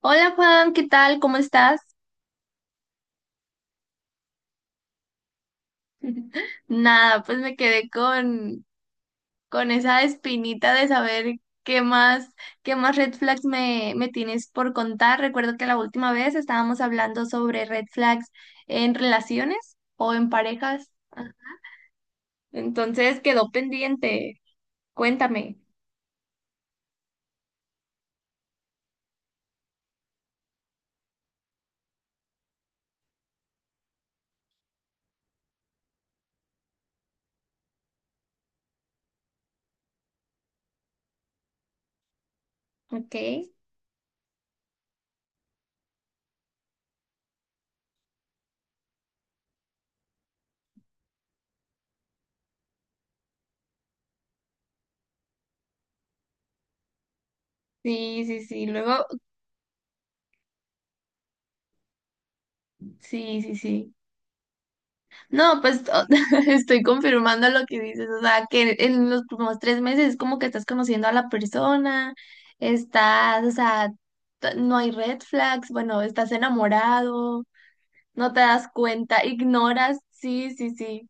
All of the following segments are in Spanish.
Hola, Juan, ¿qué tal? ¿Cómo estás? Nada, pues me quedé con esa espinita de saber qué más, qué más red flags me tienes por contar. Recuerdo que la última vez estábamos hablando sobre red flags en relaciones o en parejas. Ah. Entonces quedó pendiente. Cuéntame. Ok. Sí, sí, sí. Luego, sí, sí, sí. No, pues estoy confirmando lo que dices, o sea, que en los últimos tres meses es como que estás conociendo a la persona, estás, o sea, no hay red flags, bueno, estás enamorado, no te das cuenta, ignoras, sí, sí, sí,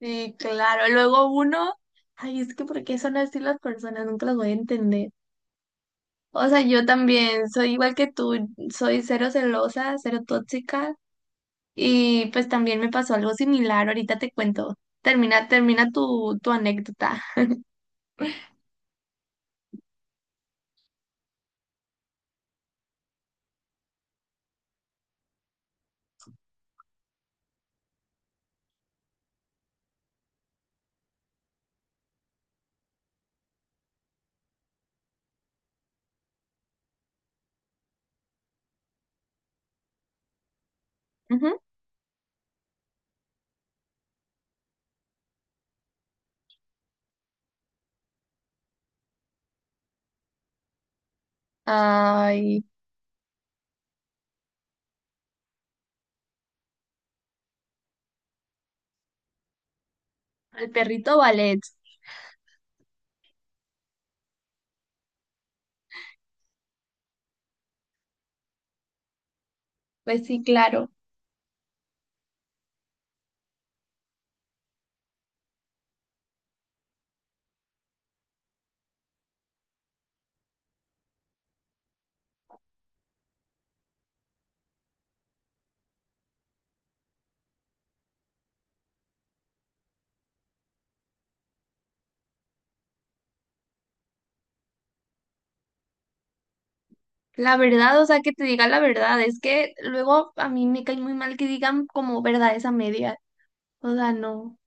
sí, claro. Luego uno, ay, es que ¿por qué son así las personas? Nunca las voy a entender. O sea, yo también soy igual que tú, soy cero celosa, cero tóxica. Y pues también me pasó algo similar, ahorita te cuento. Termina, termina tu anécdota. Ujú. Ay, al perrito ballet. Pues sí, claro. La verdad, o sea, que te diga la verdad, es que luego a mí me cae muy mal que digan como verdades a medias. O sea, no.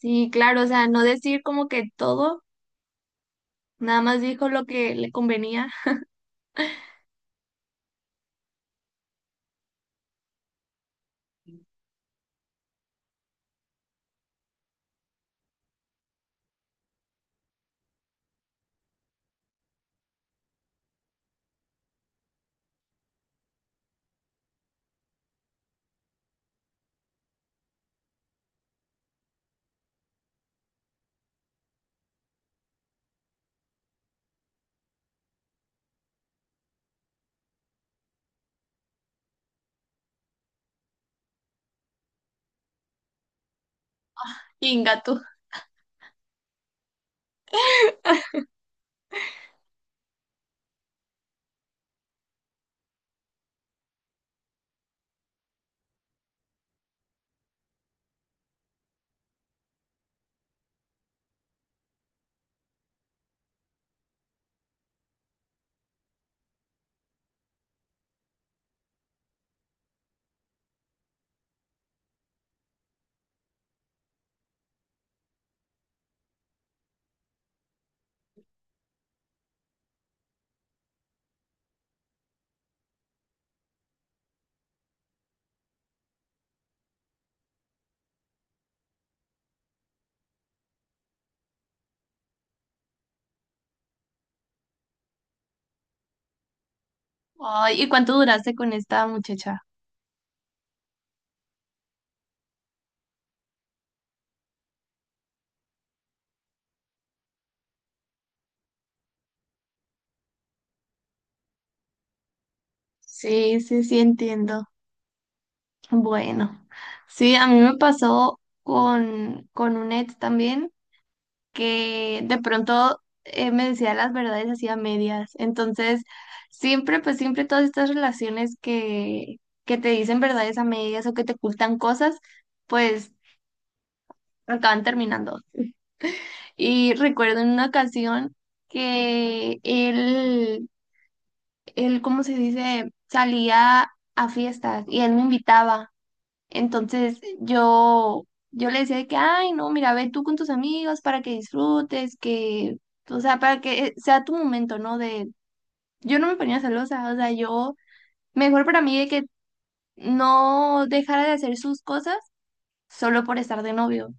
Sí, claro, o sea, no decir como que todo, nada más dijo lo que le convenía. Ingato. Ay, ¿y cuánto duraste con esta muchacha? Sí, sí, sí, entiendo. Bueno, sí, a mí me pasó con un ex también que de pronto me decía las verdades así a medias. Entonces, siempre, pues siempre todas estas relaciones que te dicen verdades a medias o que te ocultan cosas, pues acaban terminando. Y recuerdo en una ocasión que él, ¿cómo se dice? Salía a fiestas y él me invitaba. Entonces yo le decía de que, ay, no, mira, ve tú con tus amigos para que disfrutes, que, o sea, para que sea tu momento, ¿no? De, yo no me ponía celosa, o sea, yo, mejor para mí de que no dejara de hacer sus cosas solo por estar de novio.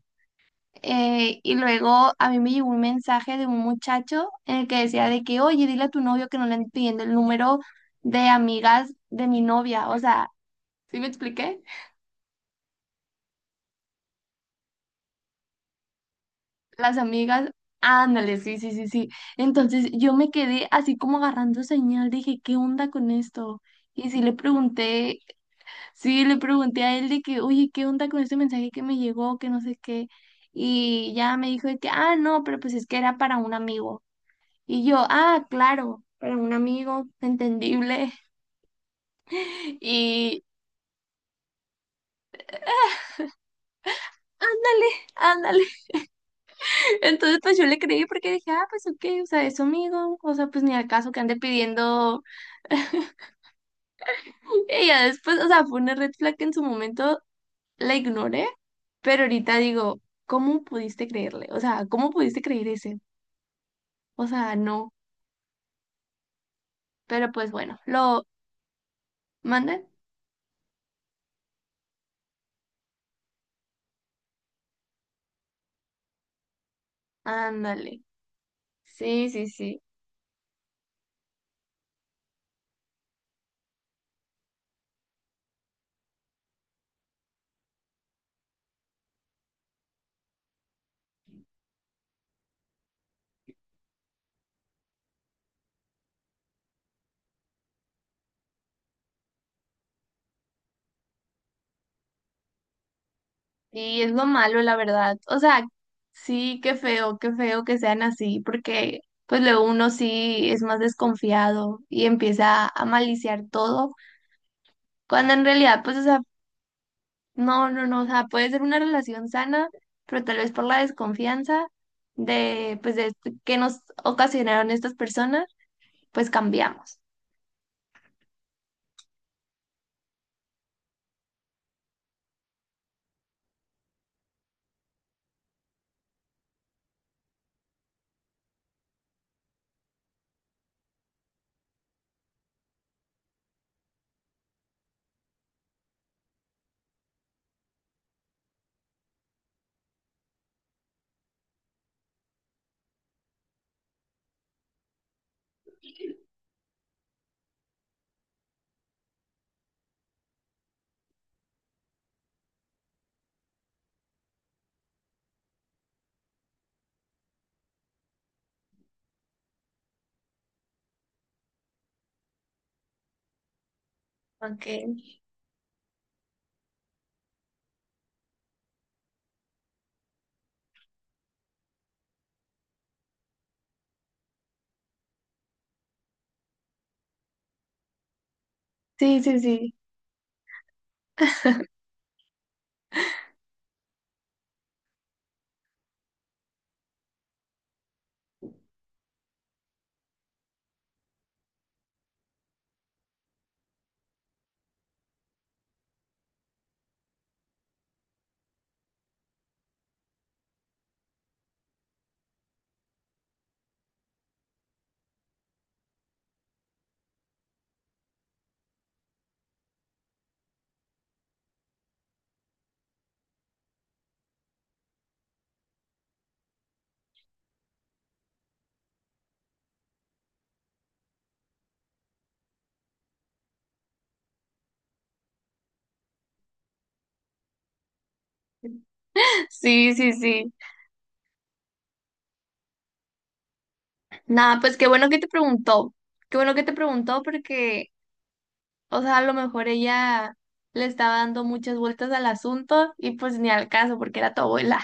Y luego a mí me llegó un mensaje de un muchacho en el que decía de que, oye, dile a tu novio que no le anden pidiendo el número de amigas de mi novia, o sea, ¿sí me expliqué? Las amigas, ándale, sí, sí, sí, sí. Entonces yo me quedé así como agarrando señal, dije, ¿qué onda con esto? Y sí le pregunté a él de que, oye, ¿qué onda con este mensaje que me llegó? Que no sé qué. Y ya me dijo de que, ah, no, pero pues es que era para un amigo. Y yo, ah, claro, para un amigo, entendible. Y ándale, ándale. Entonces pues yo le creí porque dije, ah, pues ok, o sea, es su amigo, o sea, pues ni al caso que ande pidiendo. Ella después, o sea, fue una red flag que en su momento la ignoré, pero ahorita digo, ¿cómo pudiste creerle? O sea, ¿cómo pudiste creer ese? O sea, no. Pero pues bueno, lo mandan. Ándale. Sí, sí, sí. Y es lo malo, la verdad. O sea, sí, qué feo que sean así, porque pues luego uno sí es más desconfiado y empieza a maliciar todo, cuando en realidad, pues, o sea, no, no, no, o sea, puede ser una relación sana, pero tal vez por la desconfianza de, pues, de esto que nos ocasionaron estas personas, pues cambiamos. Okay. Sí, sí, sí. Sí, sí, sí. Nada, pues qué bueno que te preguntó. Qué bueno que te preguntó porque, o sea, a lo mejor ella le estaba dando muchas vueltas al asunto y pues ni al caso porque era tu abuela.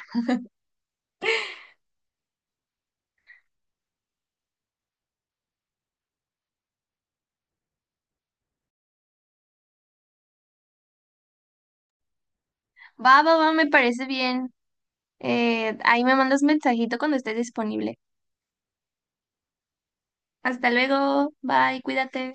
Va, va, va, me parece bien. Ahí me mandas mensajito cuando estés disponible. Hasta luego, bye, cuídate.